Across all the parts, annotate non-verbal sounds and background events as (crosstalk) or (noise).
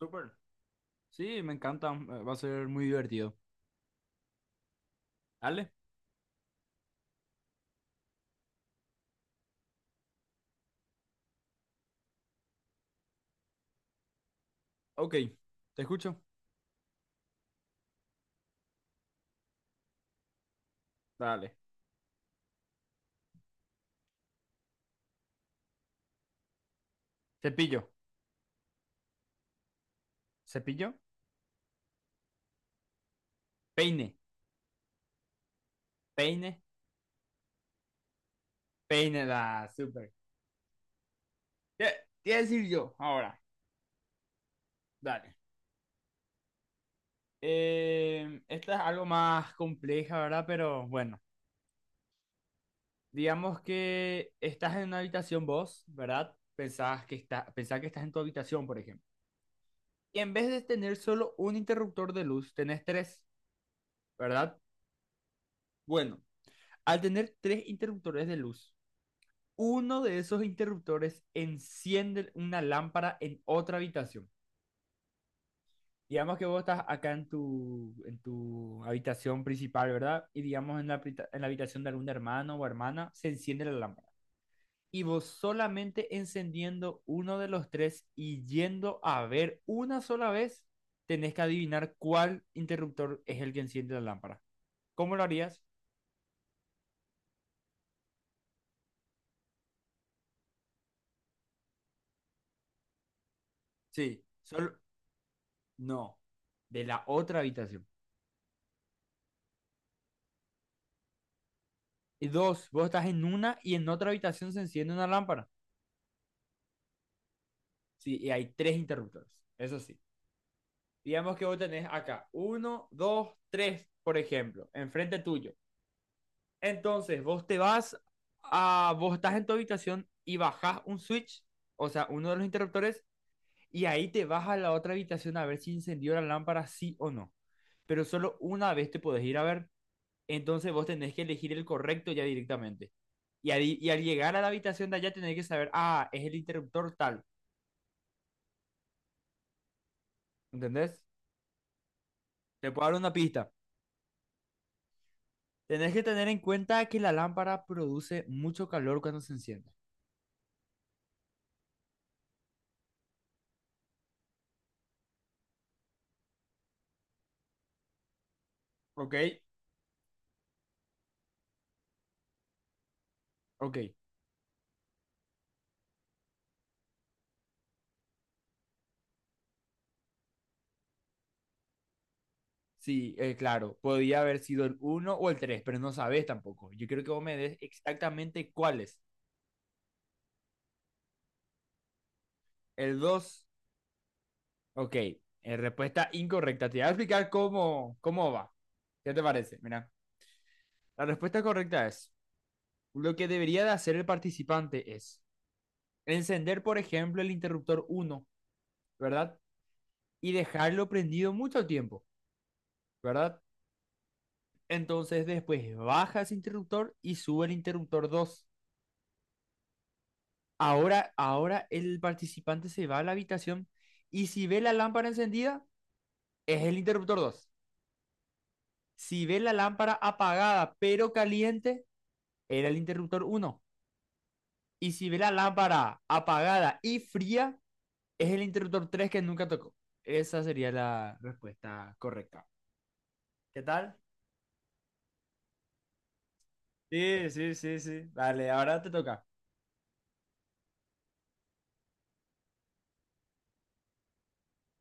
Súper. Sí, me encanta. Va a ser muy divertido. Dale. Ok. Te escucho. Dale. Cepillo. Cepillo. Peine. Peine. Peine. Da. Súper. ¿Qué decir yo ahora? Dale. Esta es algo más compleja, ¿verdad? Pero bueno. Digamos que estás en una habitación vos, ¿verdad? Pensás que, pensás que estás en tu habitación, por ejemplo. Y en vez de tener solo un interruptor de luz, tenés tres, ¿verdad? Bueno, al tener tres interruptores de luz uno de esos interruptores enciende una lámpara en otra habitación. Digamos que vos estás acá en tu habitación principal, ¿verdad? Y digamos en en la habitación de algún hermano o hermana, se enciende la lámpara. Y vos solamente encendiendo uno de los tres y yendo a ver una sola vez, tenés que adivinar cuál interruptor es el que enciende la lámpara. ¿Cómo lo harías? Sí, solo... No, de la otra habitación. Y dos, vos estás en una y en otra habitación se enciende una lámpara. Sí, y hay tres interruptores. Eso sí. Digamos que vos tenés acá uno, dos, tres, por ejemplo, enfrente tuyo. Entonces, vos te vas a. Vos estás en tu habitación y bajás un switch, o sea, uno de los interruptores, y ahí te vas a la otra habitación a ver si encendió la lámpara, sí o no. Pero solo una vez te podés ir a ver. Entonces vos tenés que elegir el correcto ya directamente. Y al llegar a la habitación de allá tenés que saber, ah, es el interruptor tal, ¿entendés? Te puedo dar una pista. Tenés que tener en cuenta que la lámpara produce mucho calor cuando se enciende. ¿Ok? Ok. Sí, claro. Podía haber sido el uno o el 3 pero no sabes tampoco. Yo quiero que vos me des exactamente cuál es. El dos. Ok. Respuesta incorrecta. Te voy a explicar cómo va. ¿Qué te parece? Mira. La respuesta correcta es lo que debería de hacer el participante es encender, por ejemplo, el interruptor uno, ¿verdad? Y dejarlo prendido mucho tiempo, ¿verdad? Entonces después baja ese interruptor y sube el interruptor 2. Ahora el participante se va a la habitación y si ve la lámpara encendida, es el interruptor 2. Si ve la lámpara apagada pero caliente, era el interruptor uno. Y si ve la lámpara apagada y fría, es el interruptor 3 que nunca tocó. Esa sería la respuesta correcta. ¿Qué tal? Sí, sí, sí, sí. Dale, ahora te toca.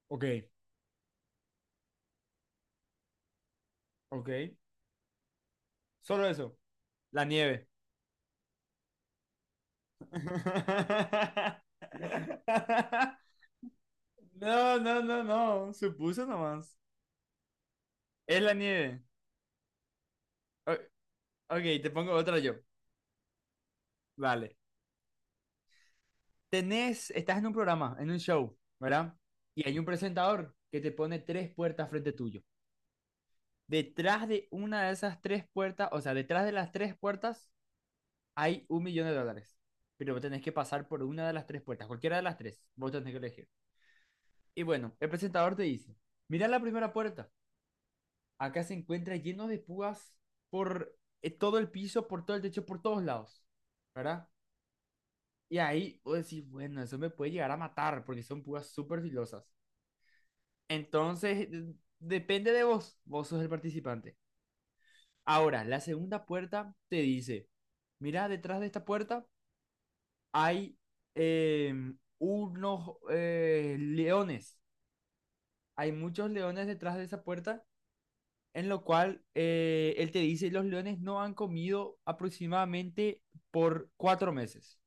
Ok, ok. Solo eso. La nieve. (laughs) No, no, no, no. Supuso nomás. Es la nieve. O- ok, te pongo otra yo. Vale. Tenés, estás en un programa, en un show, ¿verdad? Y hay un presentador que te pone tres puertas frente tuyo. Detrás de una de esas tres puertas, o sea, detrás de las tres puertas hay un millón de dólares. Pero vos tenés que pasar por una de las tres puertas, cualquiera de las tres, vos tenés que elegir. Y bueno, el presentador te dice, mira la primera puerta, acá se encuentra lleno de púas por todo el piso, por todo el techo, por todos lados, ¿verdad? Y ahí vos decís, bueno, eso me puede llegar a matar porque son púas súper filosas. Entonces, depende de vos, vos sos el participante. Ahora, la segunda puerta te dice, mira, detrás de esta puerta hay eh, unos leones. Hay muchos leones detrás de esa puerta, en lo cual él te dice, los leones no han comido aproximadamente por cuatro meses,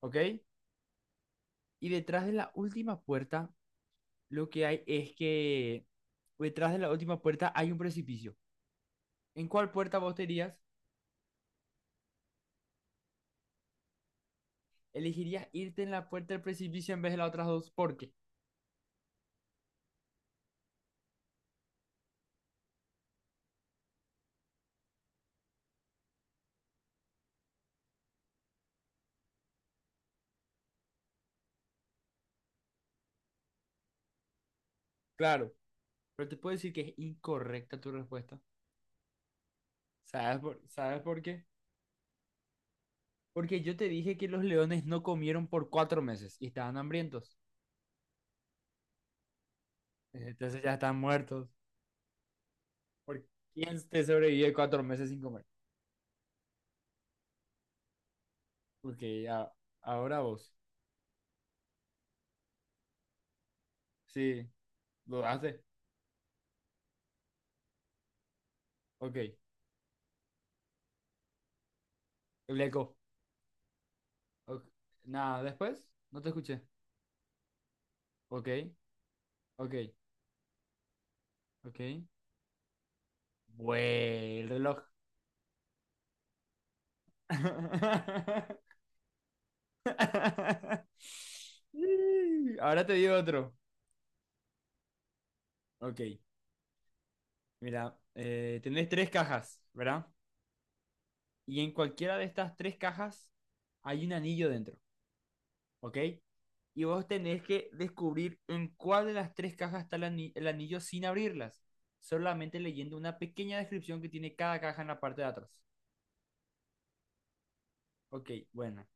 ¿ok? Y detrás de la última puerta, lo que hay es que detrás de la última puerta hay un precipicio. ¿En cuál puerta vos te irías? Elegirías irte en la puerta del precipicio en vez de las otras dos. ¿Por qué? Claro. Pero te puedo decir que es incorrecta tu respuesta. ¿Sabes por qué? Porque yo te dije que los leones no comieron por cuatro meses y estaban hambrientos. Entonces ya están muertos. ¿Por ¿Quién te sobrevive cuatro meses sin comer? Ok, a- ahora vos. Sí, dudaste. Ok, el Eco. Ok. Nada, después no te escuché. Ok, ok, ok. Güey, el reloj. (laughs) Ahora te digo otro. Ok, mira, tenés tres cajas, ¿verdad? Y en cualquiera de estas tres cajas hay un anillo dentro, ¿ok? Y vos tenés que descubrir en cuál de las tres cajas está el anillo sin abrirlas, solamente leyendo una pequeña descripción que tiene cada caja en la parte de atrás. Ok, bueno,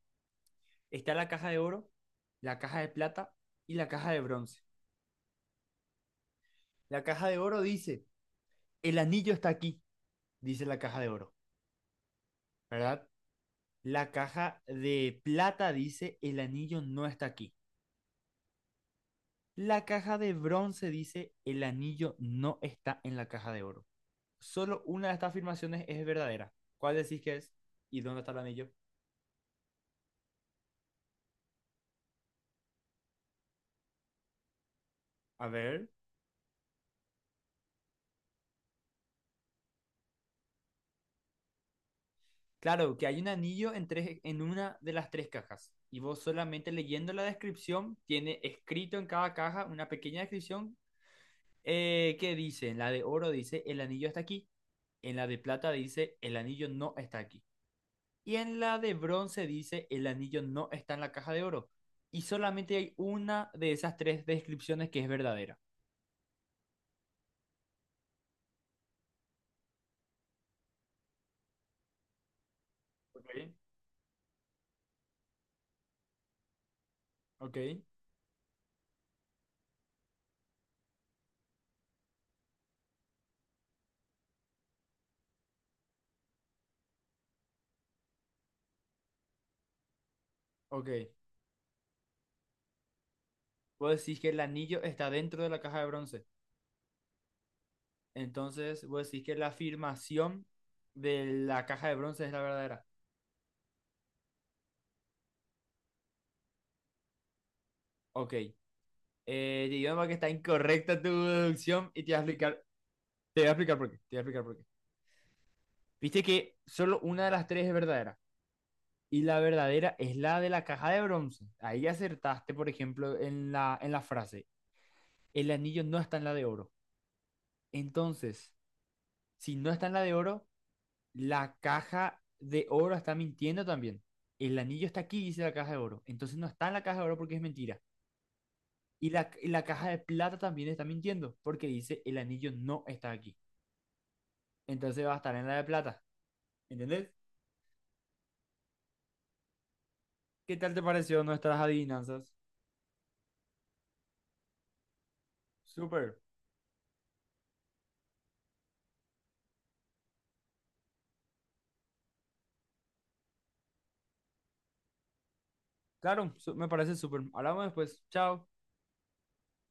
está la caja de oro, la caja de plata y la caja de bronce. La caja de oro dice, el anillo está aquí, dice la caja de oro, ¿verdad? La caja de plata dice, el anillo no está aquí. La caja de bronce dice, el anillo no está en la caja de oro. Solo una de estas afirmaciones es verdadera. ¿Cuál decís que es? ¿Y dónde está el anillo? A ver. Claro, que hay un anillo en una de las tres cajas. Y vos solamente leyendo la descripción, tiene escrito en cada caja una pequeña descripción que dice, en la de oro dice, el anillo está aquí. En la de plata dice, el anillo no está aquí. Y en la de bronce dice, el anillo no está en la caja de oro. Y solamente hay una de esas tres descripciones que es verdadera. Ok, ok, ok. Vos decís que el anillo está dentro de la caja de bronce. Entonces, vos decís que la afirmación de la caja de bronce es la verdadera. Ok. Digamos que está incorrecta tu deducción y te voy a explicar, te voy a explicar por qué. Te voy a explicar por qué. Viste que solo una de las tres es verdadera. Y la verdadera es la de la caja de bronce. Ahí acertaste, por ejemplo, en en la frase. El anillo no está en la de oro. Entonces, si no está en la de oro, la caja de oro está mintiendo también. El anillo está aquí, dice la caja de oro. Entonces no está en la caja de oro porque es mentira. Y y la caja de plata también está mintiendo porque dice el anillo no está aquí. Entonces va a estar en la de plata. ¿Entendés? ¿Qué tal te pareció nuestras adivinanzas? Súper. Claro, me parece súper. Hablamos después. Chao.